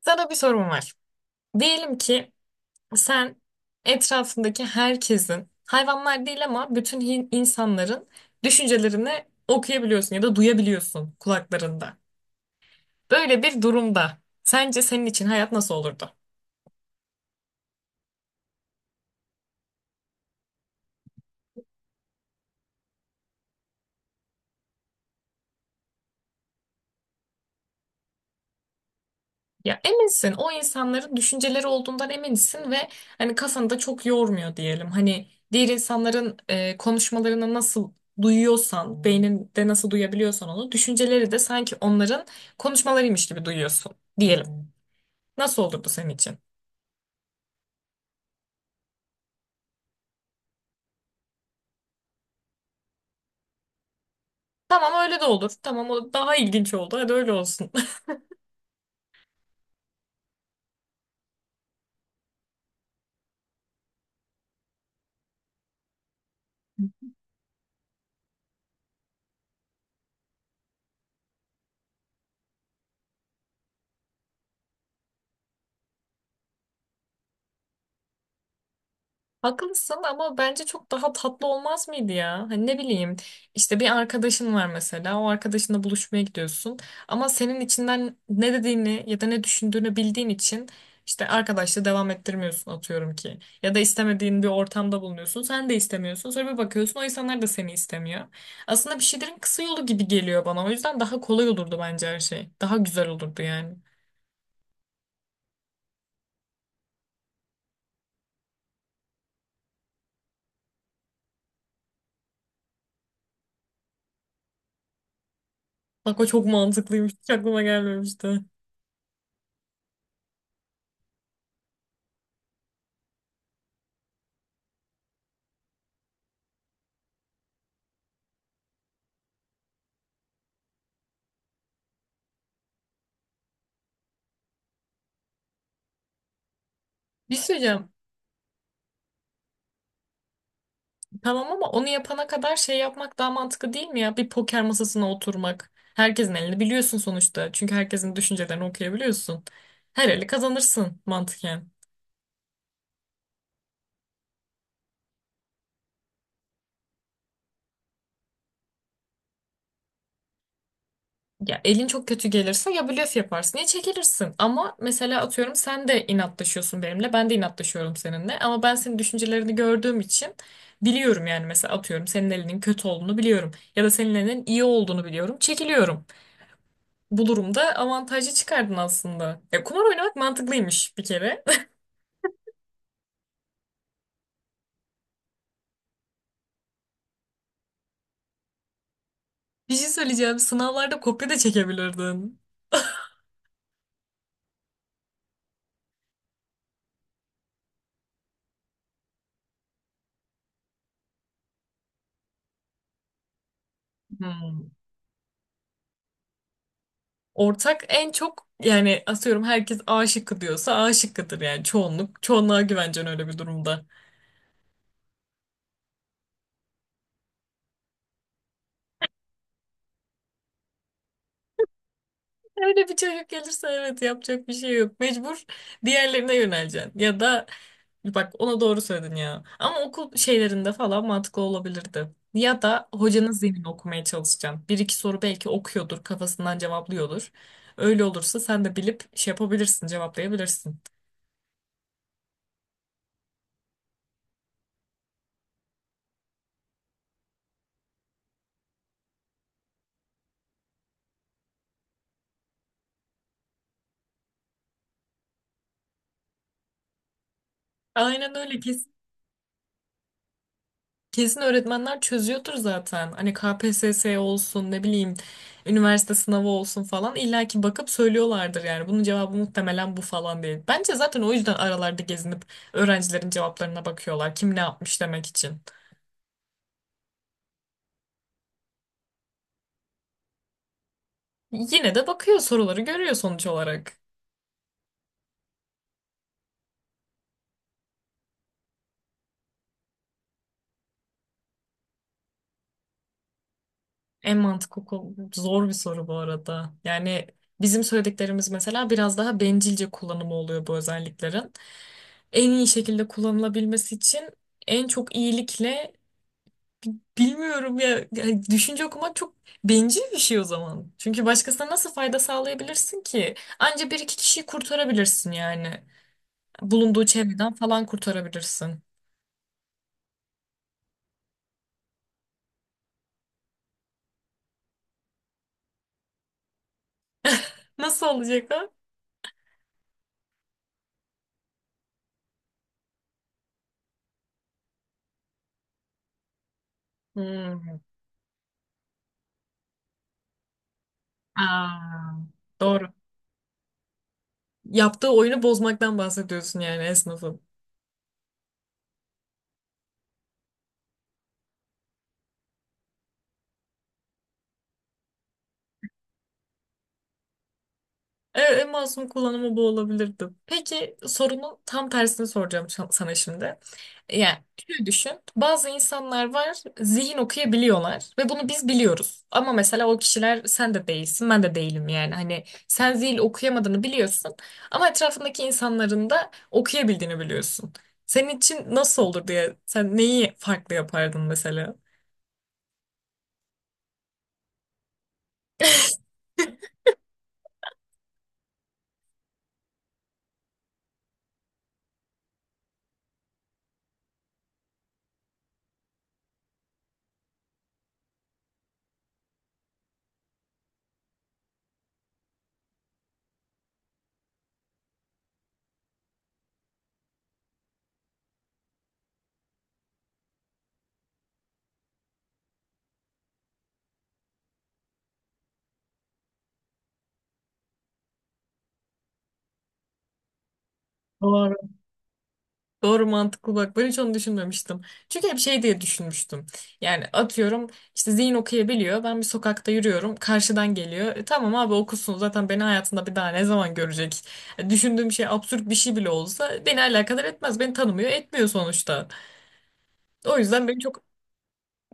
Sana bir sorum var. Diyelim ki sen etrafındaki herkesin, hayvanlar değil ama bütün insanların düşüncelerini okuyabiliyorsun ya da duyabiliyorsun kulaklarında. Böyle bir durumda sence senin için hayat nasıl olurdu? Ya eminsin o insanların düşünceleri olduğundan eminsin ve hani kafanı da çok yormuyor diyelim. Hani diğer insanların konuşmalarını nasıl duyuyorsan, beyninde nasıl duyabiliyorsan onu, düşünceleri de sanki onların konuşmalarıymış gibi duyuyorsun diyelim. Nasıl olurdu senin için? Tamam öyle de olur. Tamam o daha ilginç oldu. Hadi öyle olsun. Haklısın ama bence çok daha tatlı olmaz mıydı ya? Hani ne bileyim işte bir arkadaşın var mesela, o arkadaşınla buluşmaya gidiyorsun ama senin içinden ne dediğini ya da ne düşündüğünü bildiğin için işte arkadaşla devam ettirmiyorsun atıyorum ki. Ya da istemediğin bir ortamda bulunuyorsun, sen de istemiyorsun, sonra bir bakıyorsun o insanlar da seni istemiyor. Aslında bir şeylerin kısa yolu gibi geliyor bana, o yüzden daha kolay olurdu bence her şey. Daha güzel olurdu yani. Bak o çok mantıklıymış, hiç aklıma gelmemişti. Bir şey söyleyeceğim. Tamam ama onu yapana kadar şey yapmak daha mantıklı değil mi ya? Bir poker masasına oturmak. Herkesin elini biliyorsun sonuçta. Çünkü herkesin düşüncelerini okuyabiliyorsun. Her eli kazanırsın mantıken. Ya elin çok kötü gelirse ya blöf yaparsın ya çekilirsin. Ama mesela atıyorum sen de inatlaşıyorsun benimle. Ben de inatlaşıyorum seninle. Ama ben senin düşüncelerini gördüğüm için biliyorum yani, mesela atıyorum senin elinin kötü olduğunu biliyorum. Ya da senin elinin iyi olduğunu biliyorum. Çekiliyorum. Bu durumda avantajı çıkardın aslında. Ya, kumar oynamak mantıklıymış bir kere. Bir şey söyleyeceğim. Sınavlarda kopya da çekebilirdin. Hmm. Ortak en çok yani, atıyorum herkes A şıkkı diyorsa A şıkkıdır yani, çoğunluk. Çoğunluğa güvencen öyle bir durumda. Öyle bir çocuk gelirse evet, yapacak bir şey yok. Mecbur diğerlerine yöneleceksin. Ya da bak ona doğru söyledin ya. Ama okul şeylerinde falan mantıklı olabilirdi. Ya da hocanın zihnini okumaya çalışacaksın. Bir iki soru belki okuyordur, kafasından cevaplıyordur. Öyle olursa sen de bilip şey yapabilirsin, cevaplayabilirsin. Aynen öyle. Kesin öğretmenler çözüyordur zaten. Hani KPSS olsun, ne bileyim üniversite sınavı olsun falan, illa ki bakıp söylüyorlardır yani. Bunun cevabı muhtemelen bu falan değil. Bence zaten o yüzden aralarda gezinip öğrencilerin cevaplarına bakıyorlar. Kim ne yapmış demek için. Yine de bakıyor, soruları görüyor sonuç olarak. Zor bir soru bu arada. Yani bizim söylediklerimiz mesela biraz daha bencilce kullanımı oluyor bu özelliklerin. En iyi şekilde kullanılabilmesi için en çok iyilikle... Bilmiyorum ya. Yani düşünce okumak çok bencil bir şey o zaman. Çünkü başkasına nasıl fayda sağlayabilirsin ki? Anca bir iki kişiyi kurtarabilirsin yani. Bulunduğu çevreden falan kurtarabilirsin. Nasıl olacak ha? Hmm. Aa, doğru. Yaptığı oyunu bozmaktan bahsediyorsun yani, esnafın. Evet, en masum kullanımı bu olabilirdi. Peki sorunun tam tersini soracağım sana şimdi. Yani şöyle düşün. Bazı insanlar var, zihin okuyabiliyorlar ve bunu biz biliyoruz. Ama mesela o kişiler sen de değilsin, ben de değilim yani. Hani sen zihin okuyamadığını biliyorsun ama etrafındaki insanların da okuyabildiğini biliyorsun. Senin için nasıl olur diye, sen neyi farklı yapardın mesela? Doğru, mantıklı, bak ben hiç onu düşünmemiştim. Çünkü hep şey diye düşünmüştüm. Yani atıyorum, işte zihin okuyabiliyor. Ben bir sokakta yürüyorum. Karşıdan geliyor. E, tamam abi okusun, zaten beni hayatında bir daha ne zaman görecek? E, düşündüğüm şey absürt bir şey bile olsa beni alakadar etmez. Beni tanımıyor etmiyor sonuçta. O yüzden beni çok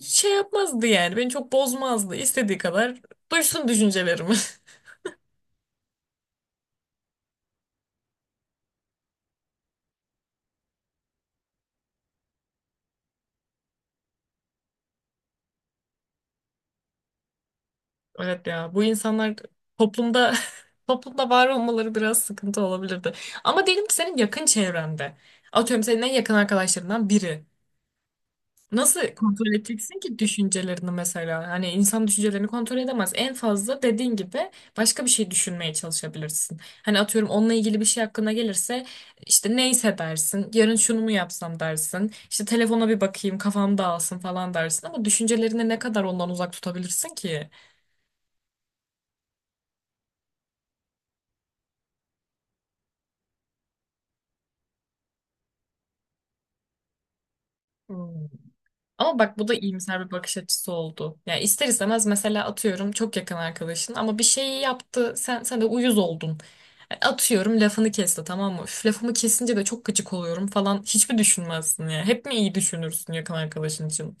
şey yapmazdı yani. Beni çok bozmazdı. İstediği kadar duysun düşüncelerimi. Evet ya bu insanlar toplumda toplumda var olmaları biraz sıkıntı olabilirdi. Ama diyelim ki senin yakın çevrende. Atıyorum senin en yakın arkadaşlarından biri. Nasıl kontrol edeceksin ki düşüncelerini mesela? Hani insan düşüncelerini kontrol edemez. En fazla dediğin gibi başka bir şey düşünmeye çalışabilirsin. Hani atıyorum onunla ilgili bir şey hakkında gelirse işte neyse dersin. Yarın şunu mu yapsam dersin. İşte telefona bir bakayım, kafam dağılsın falan dersin. Ama düşüncelerini ne kadar ondan uzak tutabilirsin ki? Ama bak bu da iyimser bir bakış açısı oldu. Yani ister istemez mesela atıyorum, çok yakın arkadaşın ama bir şeyi yaptı, sen de uyuz oldun. Yani atıyorum lafını kesti, tamam mı? Üf, lafımı kesince de çok gıcık oluyorum falan hiçbir düşünmezsin ya? Hep mi iyi düşünürsün yakın arkadaşın için?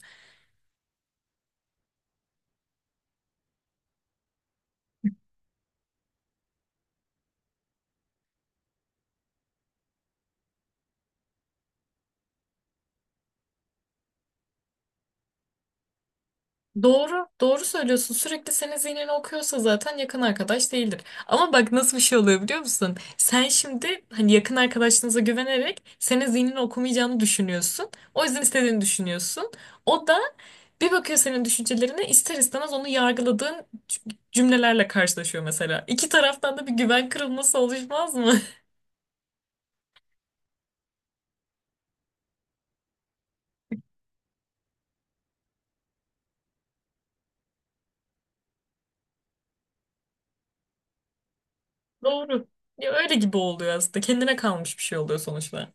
Doğru, doğru söylüyorsun. Sürekli senin zihnini okuyorsa zaten yakın arkadaş değildir. Ama bak nasıl bir şey oluyor biliyor musun? Sen şimdi hani yakın arkadaşınıza güvenerek senin zihnini okumayacağını düşünüyorsun. O yüzden istediğini düşünüyorsun. O da bir bakıyor senin düşüncelerine, ister istemez onu yargıladığın cümlelerle karşılaşıyor mesela. İki taraftan da bir güven kırılması oluşmaz mı? Doğru. Ya öyle gibi oluyor aslında. Kendine kalmış bir şey oluyor sonuçta.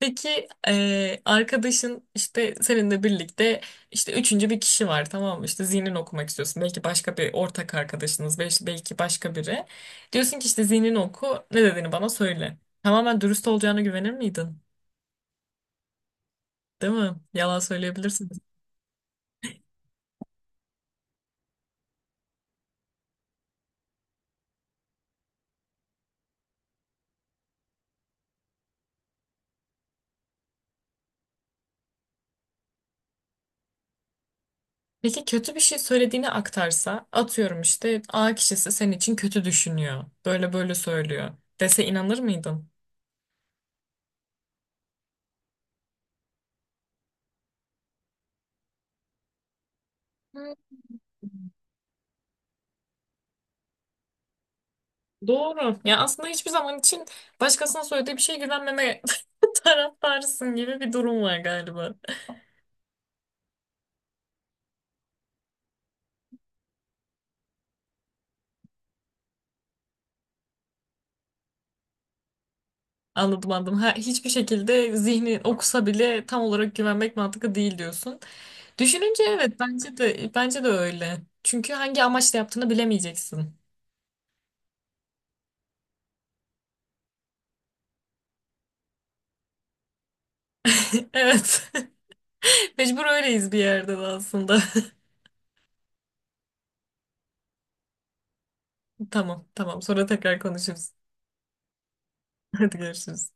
Peki arkadaşın işte seninle birlikte işte üçüncü bir kişi var, tamam mı? İşte zihnini okumak istiyorsun. Belki başka bir ortak arkadaşınız, belki başka biri. Diyorsun ki işte zihnini oku, ne dediğini bana söyle. Tamamen dürüst olacağına güvenir miydin? Değil mi? Yalan söyleyebilirsin. Peki kötü bir şey söylediğini aktarsa, atıyorum işte A kişisi senin için kötü düşünüyor. Böyle böyle söylüyor. Dese inanır mıydın? Doğru. Ya aslında hiçbir zaman için başkasına söylediği bir şeye güvenmeme taraftarısın gibi bir durum var galiba. Anladım anladım. Ha, hiçbir şekilde zihni okusa bile tam olarak güvenmek mantıklı değil diyorsun. Düşününce evet, bence de bence de öyle. Çünkü hangi amaçla yaptığını bilemeyeceksin. Evet. Mecbur öyleyiz bir yerde de aslında. Tamam tamam, sonra tekrar konuşuruz. Hadi görüşürüz.